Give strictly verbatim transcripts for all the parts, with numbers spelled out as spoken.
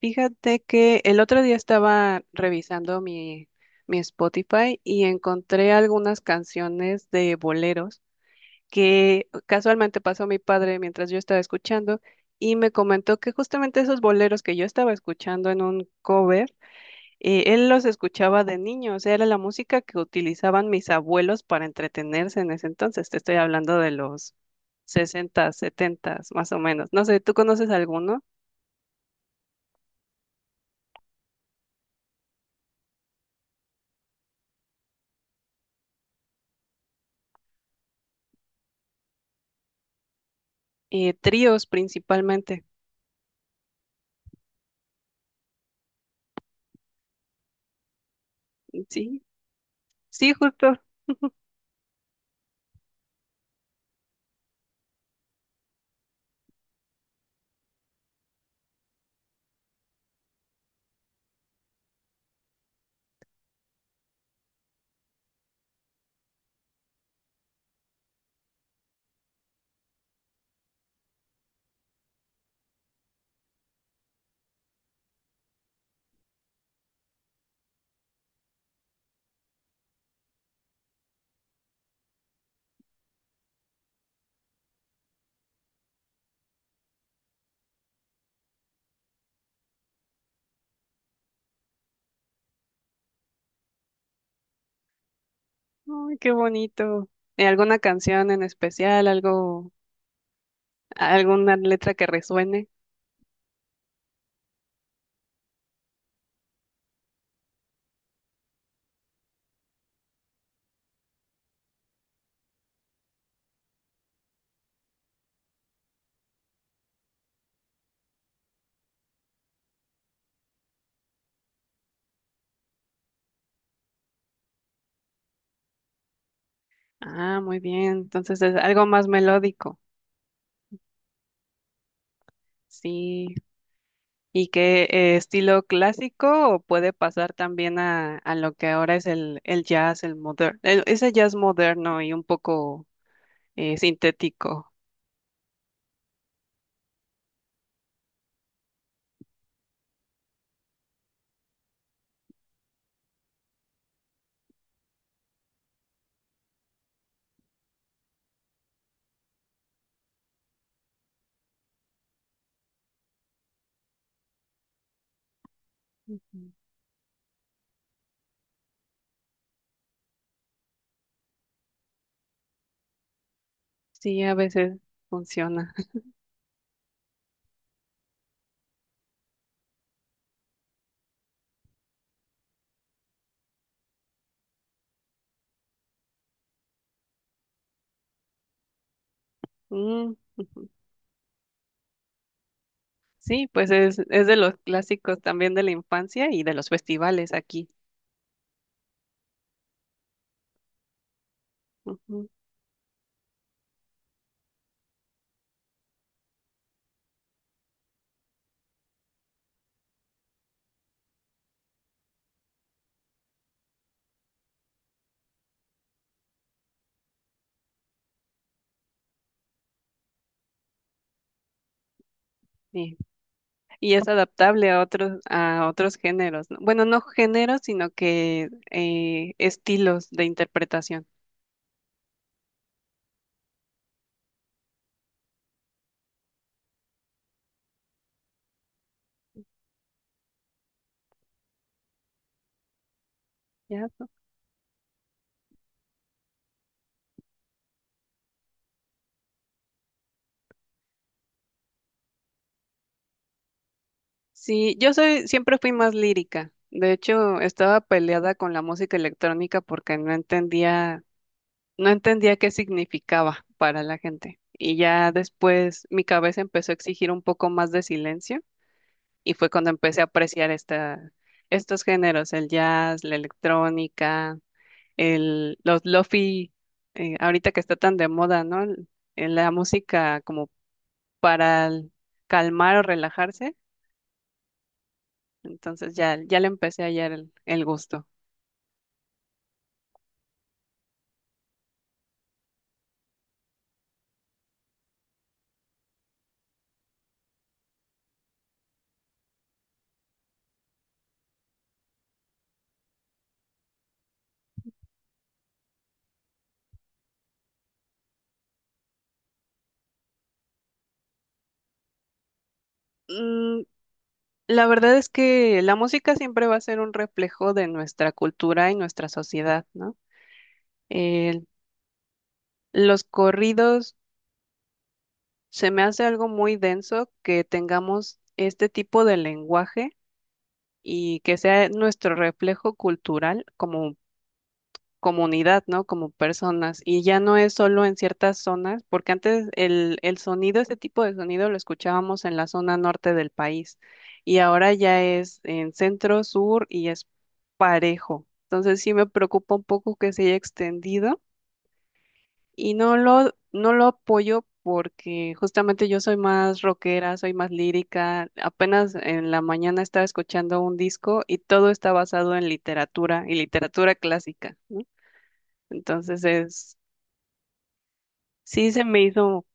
Fíjate que el otro día estaba revisando mi, mi Spotify y encontré algunas canciones de boleros que casualmente pasó mi padre mientras yo estaba escuchando y me comentó que justamente esos boleros que yo estaba escuchando en un cover, eh, él los escuchaba de niño, o sea, era la música que utilizaban mis abuelos para entretenerse en ese entonces. Te estoy hablando de los sesenta, setenta, más o menos. No sé, ¿tú conoces alguno? Eh, tríos principalmente. Sí, sí, justo. Ay, qué bonito. ¿Y alguna canción en especial, algo, alguna letra que resuene? Ah, muy bien. Entonces es algo más melódico. Sí. ¿Y qué eh, estilo clásico o puede pasar también a, a lo que ahora es el, el jazz, el moderno, ese jazz moderno y un poco eh, sintético? Ujú. Sí, a veces funciona. Mm, ujú. Sí, pues es, es de los clásicos también de la infancia y de los festivales aquí. Ujú, sí. Y es adaptable a otros, a otros géneros, ¿no? Bueno, no géneros, sino que eh, estilos de interpretación. ¿Ya? ¿No? Sí, yo soy, siempre fui más lírica. De hecho, estaba peleada con la música electrónica porque no entendía, no entendía qué significaba para la gente. Y ya después mi cabeza empezó a exigir un poco más de silencio. Y fue cuando empecé a apreciar esta, estos géneros, el jazz, la electrónica, el, los lofi, eh, ahorita que está tan de moda, ¿no? El- el- la música como para el- calmar o relajarse. Entonces ya, ya le empecé a hallar el, el gusto. Mm, la verdad es que la música siempre va a ser un reflejo de nuestra cultura y nuestra sociedad, ¿no? El- los corridos se me hace algo muy denso que tengamos este tipo de lenguaje y que sea nuestro reflejo cultural como comunidad, ¿no? Como personas. Y ya no es solo en ciertas zonas, porque antes el, el sonido, este tipo de sonido lo escuchábamos en la zona norte del país y ahora ya es en centro, sur y es parejo. Entonces sí me preocupa un poco que se haya extendido y no lo, no lo apoyo porque justamente yo soy más rockera, soy más lírica. Apenas en la mañana estaba escuchando un disco y todo está basado en literatura y literatura clásica, ¿no? Entonces es, sí se me hizo,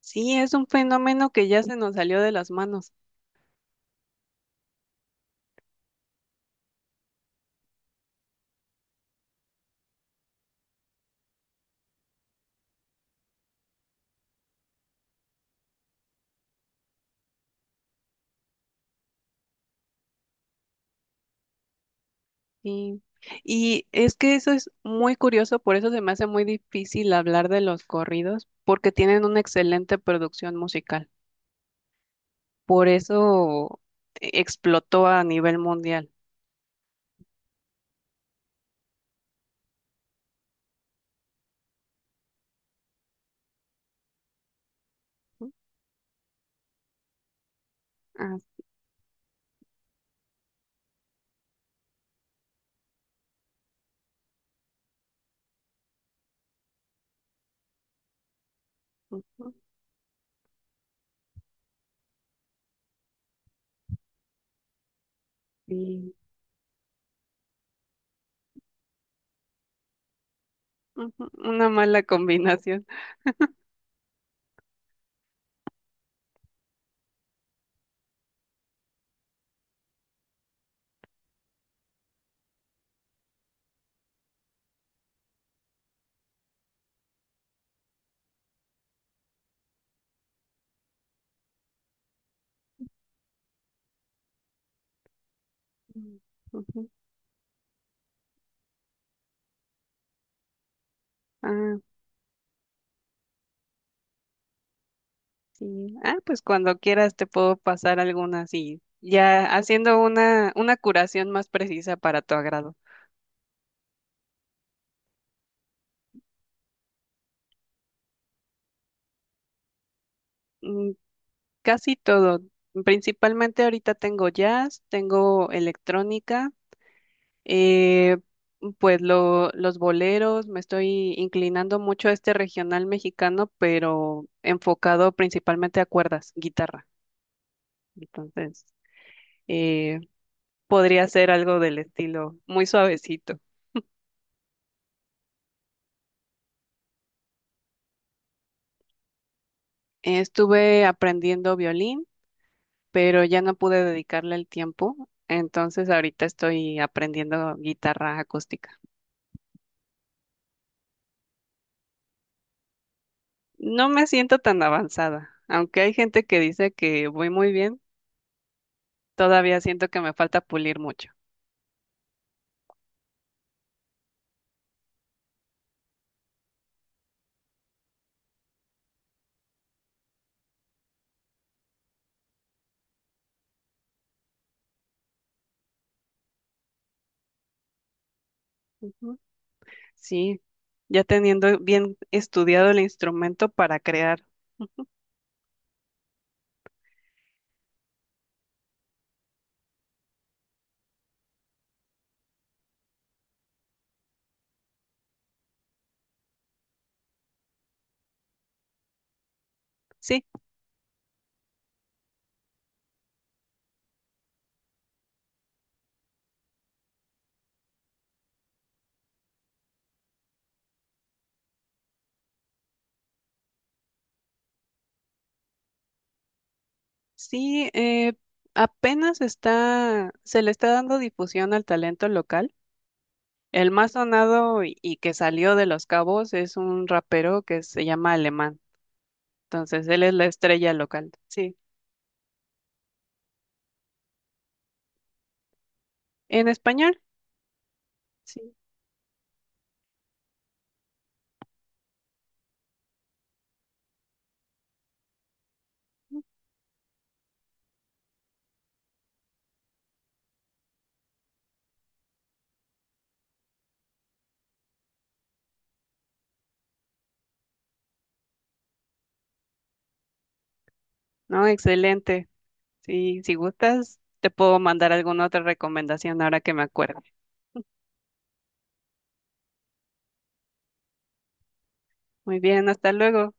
sí es un fenómeno que ya se nos salió de las manos. Sí. Y es que eso es muy curioso, por eso se me hace muy difícil hablar de los corridos, porque tienen una excelente producción musical. Por eso explotó a nivel mundial. ¿No? Ah, ujú, sí. Ujú, una mala combinación. Mm, ujú. Ah, sí. Ah, pues cuando quieras te puedo pasar algunas y ya haciendo una, una curación más precisa para tu agrado. Mm, casi todo. Principalmente ahorita tengo jazz, tengo electrónica. Eh, pues lo- los boleros, me estoy inclinando mucho a este regional mexicano, pero enfocado principalmente a cuerdas, guitarra. Entonces, eh, podría ser algo del estilo muy suavecito. Estuve aprendiendo violín, pero ya no pude dedicarle el tiempo, entonces ahorita estoy aprendiendo guitarra acústica. No me siento tan avanzada, aunque hay gente que dice que voy muy bien, todavía siento que me falta pulir mucho. Ujú. Sí, ya teniendo bien estudiado el instrumento para crear. Sí, sí, eh, apenas está, se le está dando difusión al talento local. El más sonado y, y que salió de Los Cabos es un rapero que se llama Alemán. Entonces, él es la estrella local. Sí. En español. Sí. No, excelente. Sí, si gustas, te puedo mandar alguna otra recomendación ahora que me acuerde. Muy bien, hasta luego.